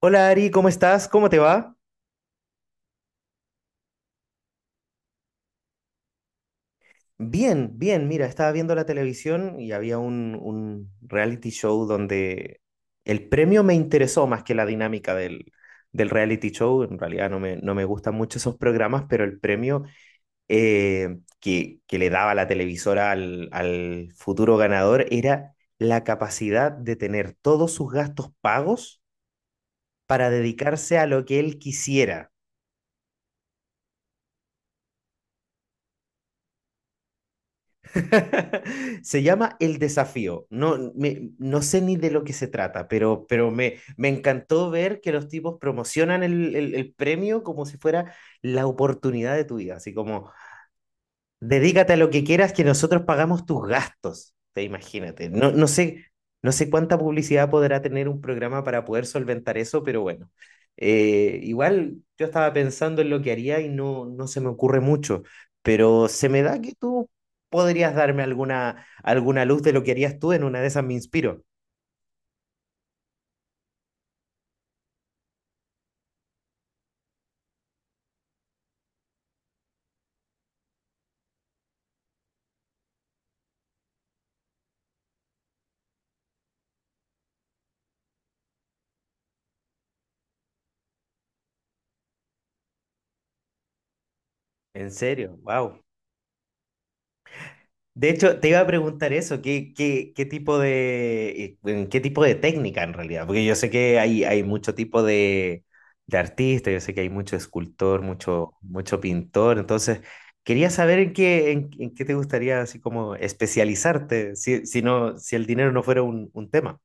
Hola Ari, ¿cómo estás? ¿Cómo te va? Bien, bien, mira, estaba viendo la televisión y había un reality show donde el premio me interesó más que la dinámica del reality show. En realidad no me gustan mucho esos programas, pero el premio que le daba la televisora al futuro ganador era la capacidad de tener todos sus gastos pagos para dedicarse a lo que él quisiera. Se llama El Desafío. No sé ni de lo que se trata, pero me encantó ver que los tipos promocionan el premio como si fuera la oportunidad de tu vida. Así como, dedícate a lo que quieras que nosotros pagamos tus gastos. Te imagínate. No sé cuánta publicidad podrá tener un programa para poder solventar eso, pero bueno. Igual yo estaba pensando en lo que haría y no se me ocurre mucho, pero se me da que tú podrías darme alguna luz de lo que harías tú. En una de esas me inspiro. En serio, wow. De hecho, te iba a preguntar eso. Qué tipo de, en qué tipo de técnica en realidad? Porque yo sé que hay mucho tipo de artista, yo sé que hay mucho escultor, mucho pintor, entonces quería saber en qué, en qué te gustaría así como especializarte, si no, si el dinero no fuera un tema.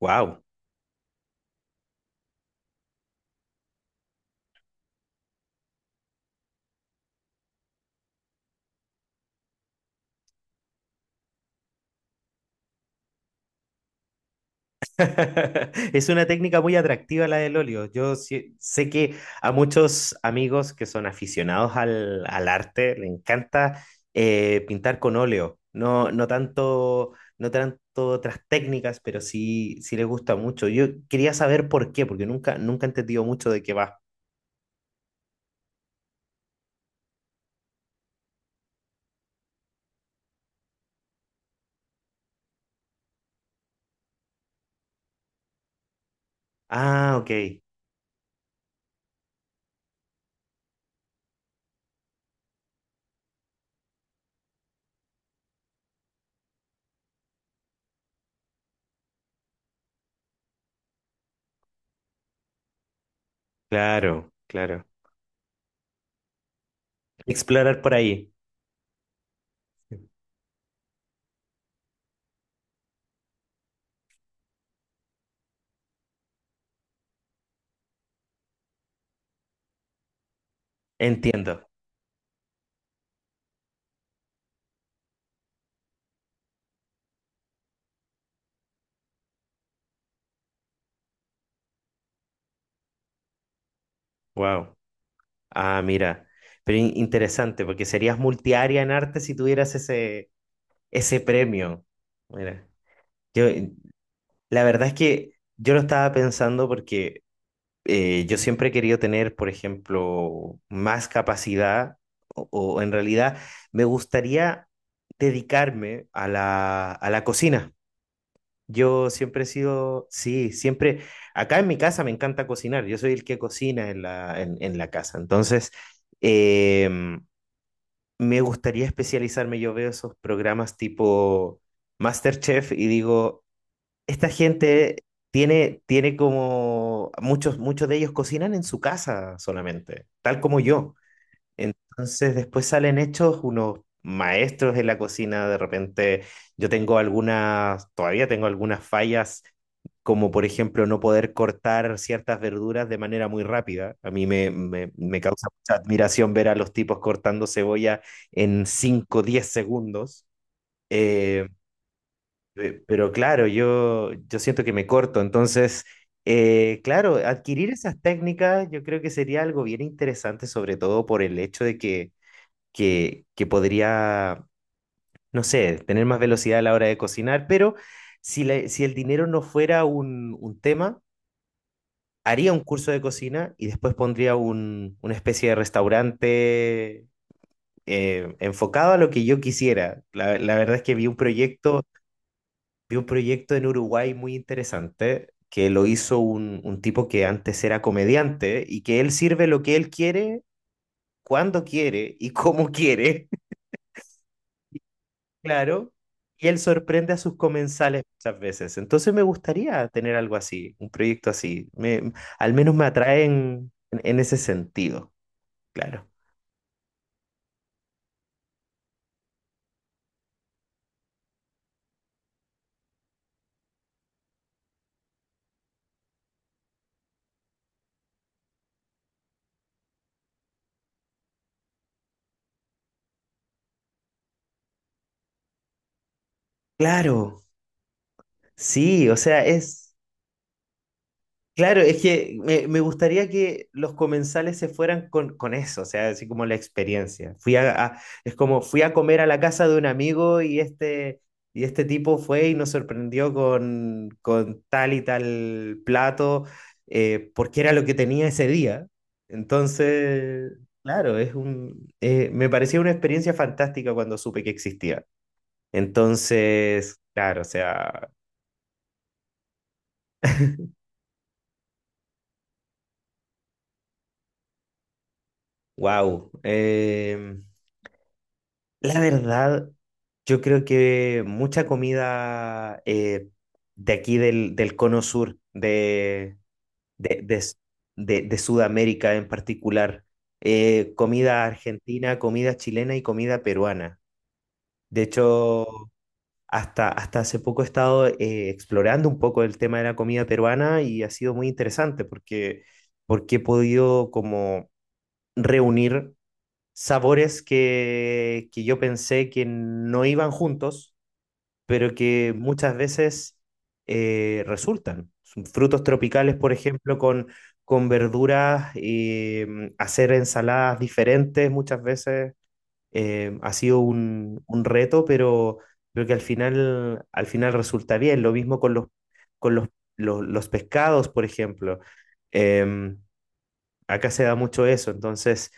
Wow. Es una técnica muy atractiva la del óleo. Yo sé que a muchos amigos que son aficionados al arte le encanta pintar con óleo. No tanto otras técnicas, pero sí les gusta mucho. Yo quería saber por qué, porque nunca he entendido mucho de qué va. Ah, ok. Claro, claro. Explorar por ahí. Entiendo. Wow. Ah, mira. Pero interesante, porque serías multiárea en arte si tuvieras ese, ese premio. Mira, yo, la verdad es que yo lo estaba pensando porque yo siempre he querido tener, por ejemplo, más capacidad o en realidad me gustaría dedicarme a la cocina. Yo siempre he sido, sí, siempre, acá en mi casa me encanta cocinar, yo soy el que cocina en la casa. Entonces, em, me gustaría especializarme. Yo veo esos programas tipo MasterChef y digo, esta gente tiene como, muchos de ellos cocinan en su casa solamente, tal como yo. Entonces después salen hechos unos maestros en la cocina, de repente yo tengo algunas, todavía tengo algunas fallas, como por ejemplo no poder cortar ciertas verduras de manera muy rápida. A mí me causa mucha admiración ver a los tipos cortando cebolla en 5 10 segundos. Eh, pero claro, yo siento que me corto, entonces… claro, adquirir esas técnicas yo creo que sería algo bien interesante, sobre todo por el hecho de que que podría, no sé, tener más velocidad a la hora de cocinar, pero si, si el dinero no fuera un tema, haría un curso de cocina y después pondría un, una especie de restaurante enfocado a lo que yo quisiera. La verdad es que vi un proyecto en Uruguay muy interesante, que lo hizo un tipo que antes era comediante y que él sirve lo que él quiere, cuando quiere y cómo quiere. Claro, y él sorprende a sus comensales muchas veces. Entonces me gustaría tener algo así, un proyecto así. Me, al menos me atraen en ese sentido, claro. Claro, sí, o sea, es… Claro, es que me gustaría que los comensales se fueran con eso, o sea, así como la experiencia. Fui es como fui a comer a la casa de un amigo y este tipo fue y nos sorprendió con tal y tal plato, porque era lo que tenía ese día. Entonces, claro, es un, me parecía una experiencia fantástica cuando supe que existía. Entonces, claro, o sea, wow. La verdad, yo creo que mucha comida de aquí del cono sur, de Sudamérica en particular, comida argentina, comida chilena y comida peruana. De hecho, hasta hace poco he estado explorando un poco el tema de la comida peruana y ha sido muy interesante porque, porque he podido como reunir sabores que yo pensé que no iban juntos, pero que muchas veces resultan. Son frutos tropicales, por ejemplo, con verduras, hacer ensaladas diferentes muchas veces ha sido un reto, pero creo que al final resulta bien. Lo mismo con con los, los pescados, por ejemplo. Em, Acá se da mucho eso, entonces,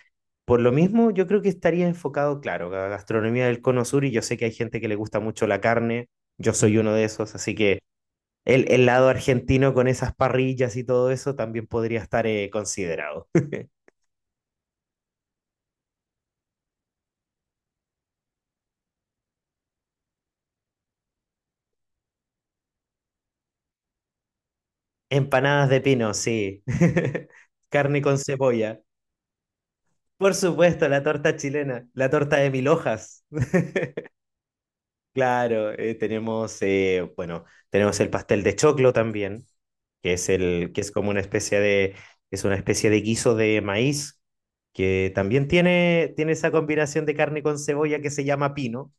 por lo mismo, yo creo que estaría enfocado, claro, a la gastronomía del Cono Sur y yo sé que hay gente que le gusta mucho la carne, yo soy uno de esos, así que el lado argentino con esas parrillas y todo eso también podría estar considerado. Empanadas de pino, sí. Carne con cebolla. Por supuesto, la torta chilena, la torta de mil hojas. Claro, tenemos, bueno, tenemos el pastel de choclo también, que es el, que es como una especie de, es una especie de guiso de maíz, que también tiene esa combinación de carne con cebolla que se llama pino,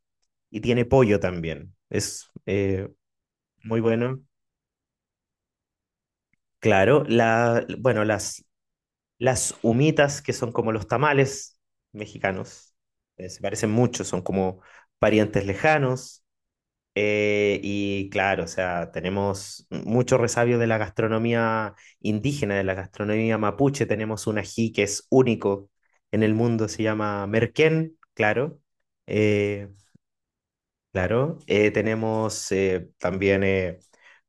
y tiene pollo también. Es muy bueno. Claro, la, bueno, las humitas, que son como los tamales mexicanos, se parecen mucho, son como parientes lejanos. Y claro, o sea, tenemos mucho resabio de la gastronomía indígena, de la gastronomía mapuche. Tenemos un ají que es único en el mundo, se llama merquén, claro. Eh, claro, tenemos también,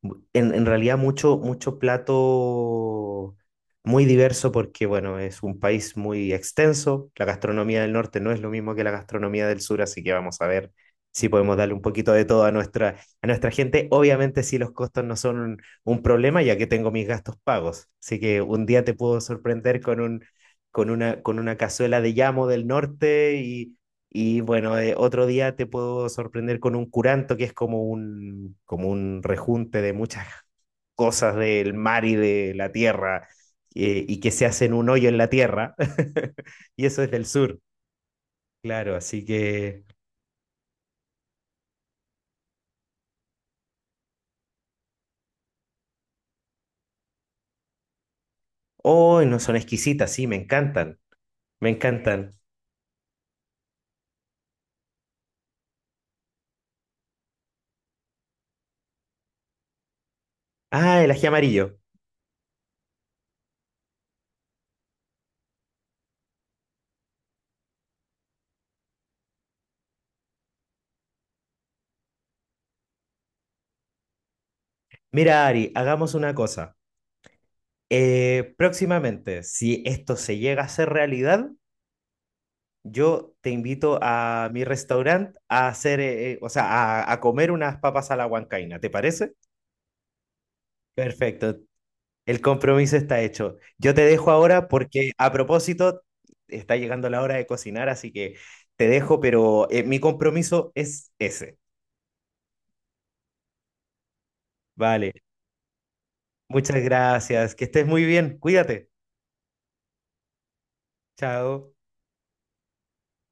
en realidad, mucho plato muy diverso porque, bueno, es un país muy extenso. La gastronomía del norte no es lo mismo que la gastronomía del sur, así que vamos a ver si podemos darle un poquito de todo a nuestra gente. Obviamente, si los costos no son un problema, ya que tengo mis gastos pagos. Así que un día te puedo sorprender con con una cazuela de llamo del norte y bueno, otro día te puedo sorprender con un curanto, que es como un rejunte de muchas cosas del mar y de la tierra, y que se hacen un hoyo en la tierra. Y eso es del sur, claro, así que… ¡Oh, no son exquisitas! Sí, me encantan. Ah, el ají amarillo. Mira, Ari, hagamos una cosa. Próximamente, si esto se llega a ser realidad, yo te invito a mi restaurante a hacer, o sea, a comer unas papas a la huancaína, ¿te parece? Perfecto, el compromiso está hecho. Yo te dejo ahora porque a propósito está llegando la hora de cocinar, así que te dejo, pero mi compromiso es ese. Vale, muchas gracias, que estés muy bien, cuídate. Chao.